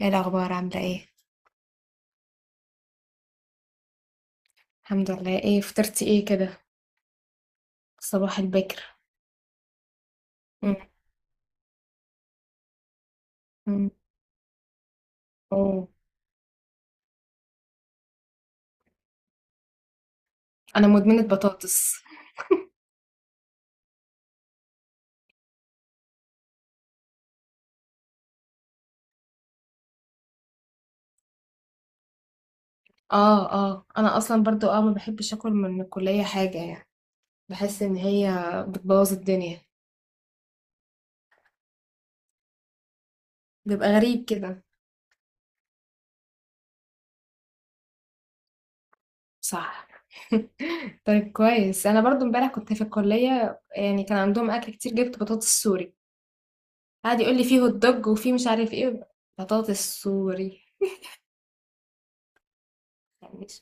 ايه الاخبار؟ عامله ايه؟ الحمد لله. ايه فطرتي ايه كده؟ صباح البكر. مم. مم. اوه. انا مدمنه بطاطس. اه، اه، انا اصلا برضو ما بحبش اكل من الكليه حاجه، يعني بحس ان هي بتبوظ الدنيا. بيبقى غريب كده. صح. طيب، كويس. انا برضو امبارح كنت في الكليه، يعني كان عندهم اكل كتير، جبت بطاطس سوري. قعد يقول لي فيه هوت دوج وفيه مش عارف ايه. بطاطس سوري. ما تخلينيش،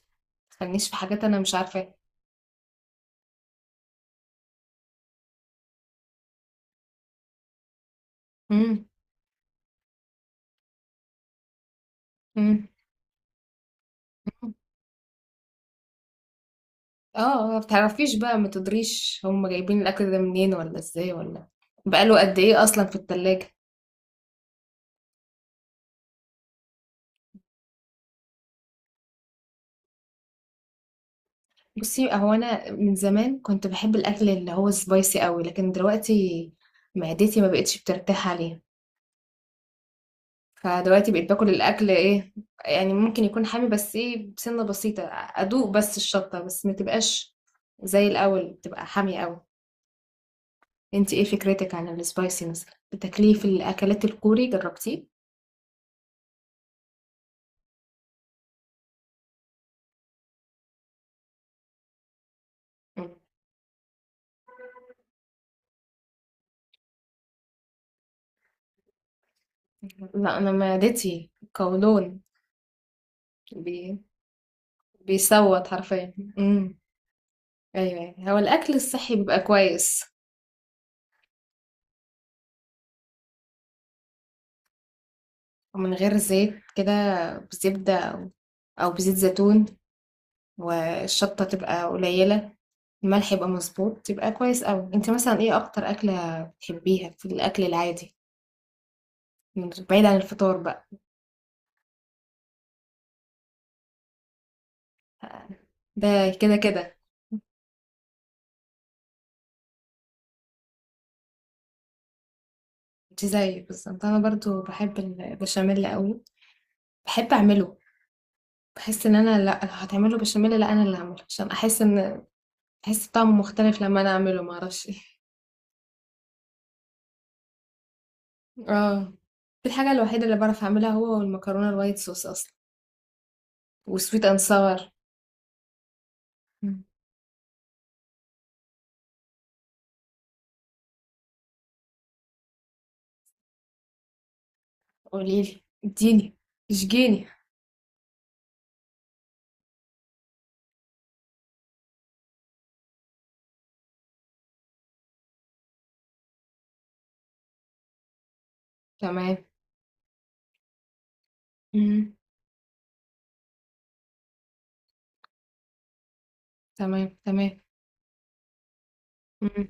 ما تخلينيش في حاجات انا مش عارفاها. مم. مم. اه، ما بتعرفيش بقى، ما تدريش هم جايبين الاكل ده منين، ولا ازاي، ولا بقاله قد ايه اصلا في التلاجة. بصي، هو انا من زمان كنت بحب الاكل اللي هو سبايسي قوي، لكن دلوقتي معدتي ما بقتش بترتاح عليه. فدلوقتي بقيت باكل الاكل ايه، يعني ممكن يكون حامي، بس ايه، بسنة بسيطة، ادوق بس الشطة، بس ما تبقاش زي الاول بتبقى حامية قوي. انت ايه فكرتك عن السبايسي؟ مثلا بتاكليه في الاكلات الكوري؟ جربتيه؟ مم. لا، انا معدتي قولون. بي... بيصوت حرفيا. ايوه، أيوة. هو الاكل الصحي بيبقى كويس، ومن غير زيت كده، بزبدة او بزيت زيتون، والشطة تبقى قليلة، الملح يبقى مظبوط، تبقى كويس قوي. انت مثلا ايه اكتر اكلة بتحبيها في الاكل العادي، بعيد عن الفطار بقى؟ ده كده كده. انت زيي بالظبط، انا برضو بحب البشاميل قوي. بحب اعمله. بحس ان انا، لا لو هتعمله بشاميل، لا، انا اللي هعمله عشان احس ان احس طعمه مختلف لما انا اعمله، ما اعرفش ايه. اه، دي الحاجه الوحيده اللي بعرف اعملها هو، والمكرونه الوايت صوص اصلا، وسويت اند ساور. مم. قوليلي، اديني، اشجيني. تمام. مم. تمام. تمام. مم.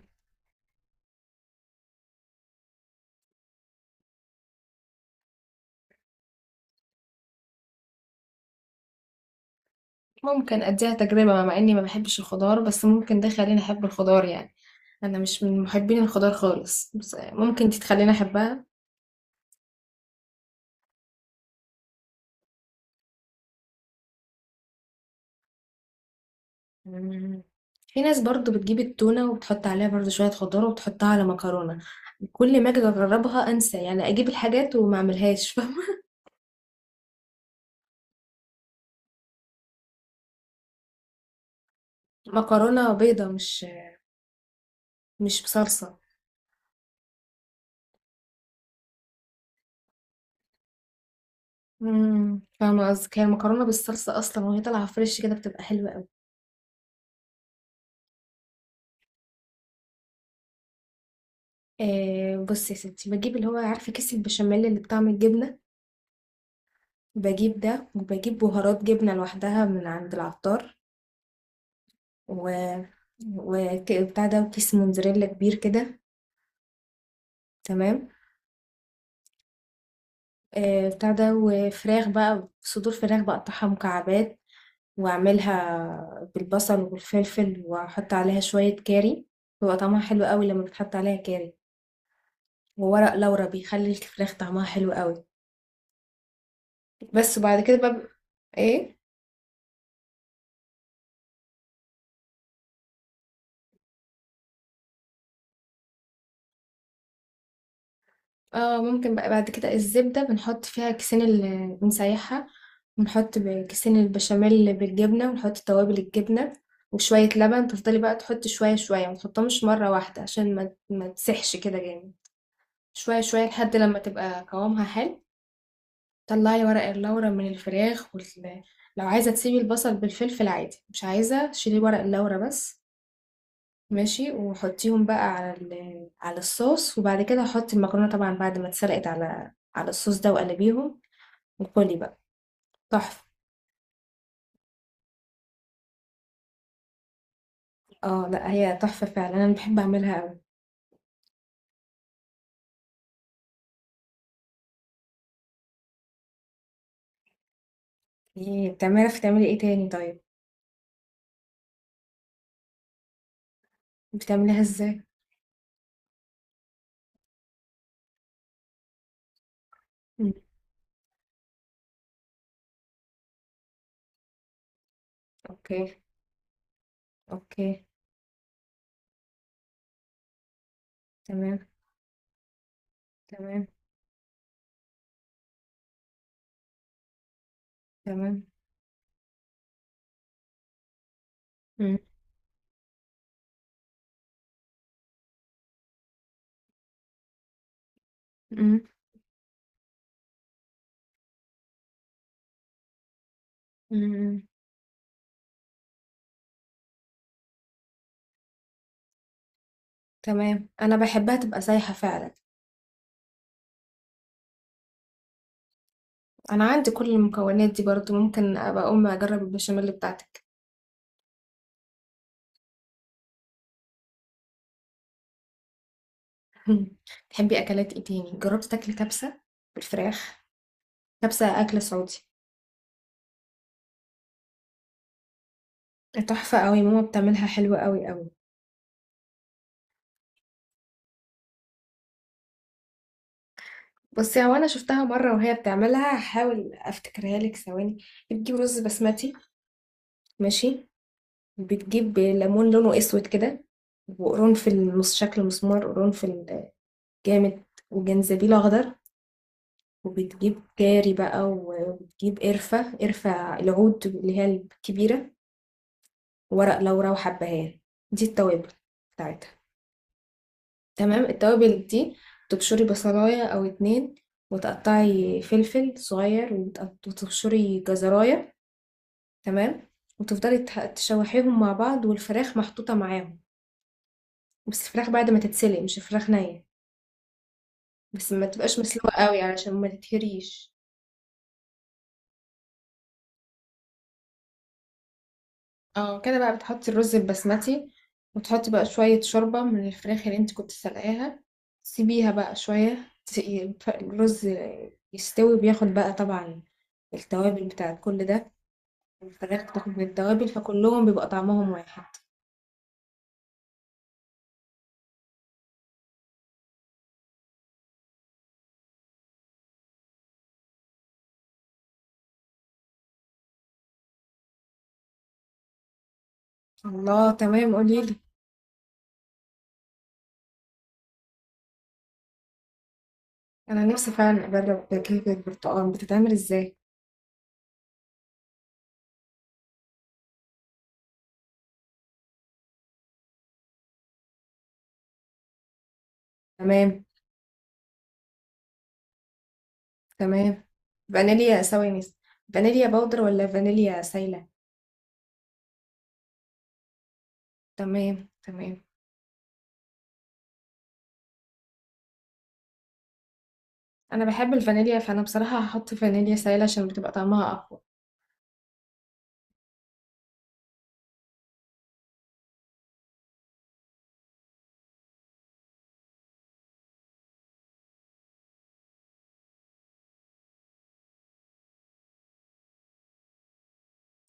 ممكن اديها تجربه، مع اني ما بحبش الخضار، بس ممكن ده يخليني احب الخضار، يعني انا مش من محبين الخضار خالص، بس ممكن دي تخليني احبها. مم. في ناس برضو بتجيب التونه وبتحط عليها برضو شويه خضار وبتحطها على مكرونه. كل ما اجي اجربها انسى، يعني اجيب الحاجات وما اعملهاش. فاهمه؟ مكرونه بيضه، مش بصلصه. فاهمه قصدك. هي المكرونه بالصلصه اصلا وهي طالعه فريش كده بتبقى حلوه قوي. آه، بصي يا ستي، بجيب اللي هو عارفه كيس البشاميل اللي بطعم الجبنه، بجيب ده، وبجيب بهارات جبنه لوحدها من عند العطار، و وبتاع ده، وكيس موتزاريلا كبير كده. تمام. آه، بتاع ده، وفراخ بقى، صدور فراخ بقطعها مكعبات، واعملها بالبصل والفلفل، واحط عليها شوية كاري. بيبقى طعمها حلو قوي لما بتحط عليها كاري. وورق لورا بيخلي الفراخ طعمها حلو قوي. بس. وبعد كده بقى. ايه؟ اه، ممكن بقى بعد كده الزبدة بنحط فيها كيسين اللي بنسيحها، ونحط كيسين البشاميل بالجبنة، ونحط توابل الجبنة، وشوية لبن. تفضلي بقى تحطي شوية شوية، ما تحطهمش مرة واحدة عشان ما تسحش كده جامد. شوية شوية لحد لما تبقى قوامها حلو. طلعي ورق اللورا من الفراخ لو عايزة تسيبي البصل بالفلفل عادي، مش عايزة شيلي ورق اللورا بس. ماشي. وحطيهم بقى على الصوص. وبعد كده حطي المكرونة طبعا، بعد ما اتسلقت، على الصوص ده، وقلبيهم وكلي بقى. تحفة. اه، لا، هي تحفة فعلا، انا بحب اعملها قوي. ايه بتعرفي تعملي ايه تاني؟ طيب، بتعمليها ازاي؟ مم. اوكي. اوكي. تمام. تمام. تمام. مم. مم. مم. تمام، انا بحبها تبقى سايحة فعلا. انا عندي كل المكونات دي برضو، ممكن ابقى اقوم اجرب البشاميل بتاعتك. تحبي اكلات ايه تاني؟ جربت تاكلي كبسه بالفراخ؟ كبسه اكل سعودي. تحفه قوي، ماما بتعملها حلوه قوي قوي. بصي، هو انا شفتها مره وهي بتعملها، هحاول افتكرها لك. ثواني. بتجيب رز بسمتي، ماشي. بتجيب ليمون لونه اسود كده، وقرنفل، شكل مسمار قرنفل جامد، وجنزبيل اخضر. وبتجيب كاري بقى، وبتجيب قرفة، قرفة العود اللي هي الكبيرة، ورق لورا، وحبهان. دي التوابل بتاعتها. تمام. التوابل دي تبشري بصلاية أو اتنين، وتقطعي فلفل صغير، وتبشري جزراية. تمام. وتفضلي تشوحيهم مع بعض، والفراخ محطوطة معاهم، بس الفراخ بعد ما تتسلق، مش الفراخ نية، بس ما تبقاش مسلوقة قوي علشان ما تتهريش. اه كده بقى، بتحطي الرز البسمتي، وتحطي بقى شوية شوربة من الفراخ اللي انت كنت سلقاها، سيبيها بقى شوية الرز يستوي، بياخد بقى طبعا التوابل بتاعت كل ده، الفراخ بتاخد من التوابل فكلهم بيبقى طعمهم واحد. الله، تمام، قوليلي. انا نفسي فعلا اجرب كيكة البرتقال، بتتعمل ازاي؟ تمام. تمام. فانيليا، ثواني. فانيليا باودر ولا فانيليا سايلة؟ تمام. تمام. انا بحب الفانيليا، فانا بصراحة هحط فانيليا سائلة عشان بتبقى طعمها اقوى.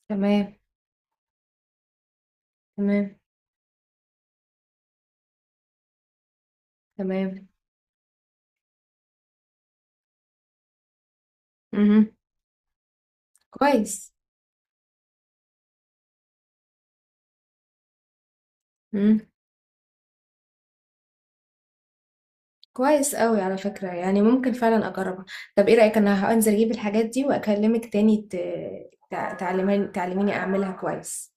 تمام. تمام. تمام. امم كويس. امم كويس قوي على فكرة، يعني ممكن فعلا اجربها. طب ايه رأيك انا هنزل اجيب الحاجات دي واكلمك تاني، ت... تع- تعلمين تعلميني اعملها كويس.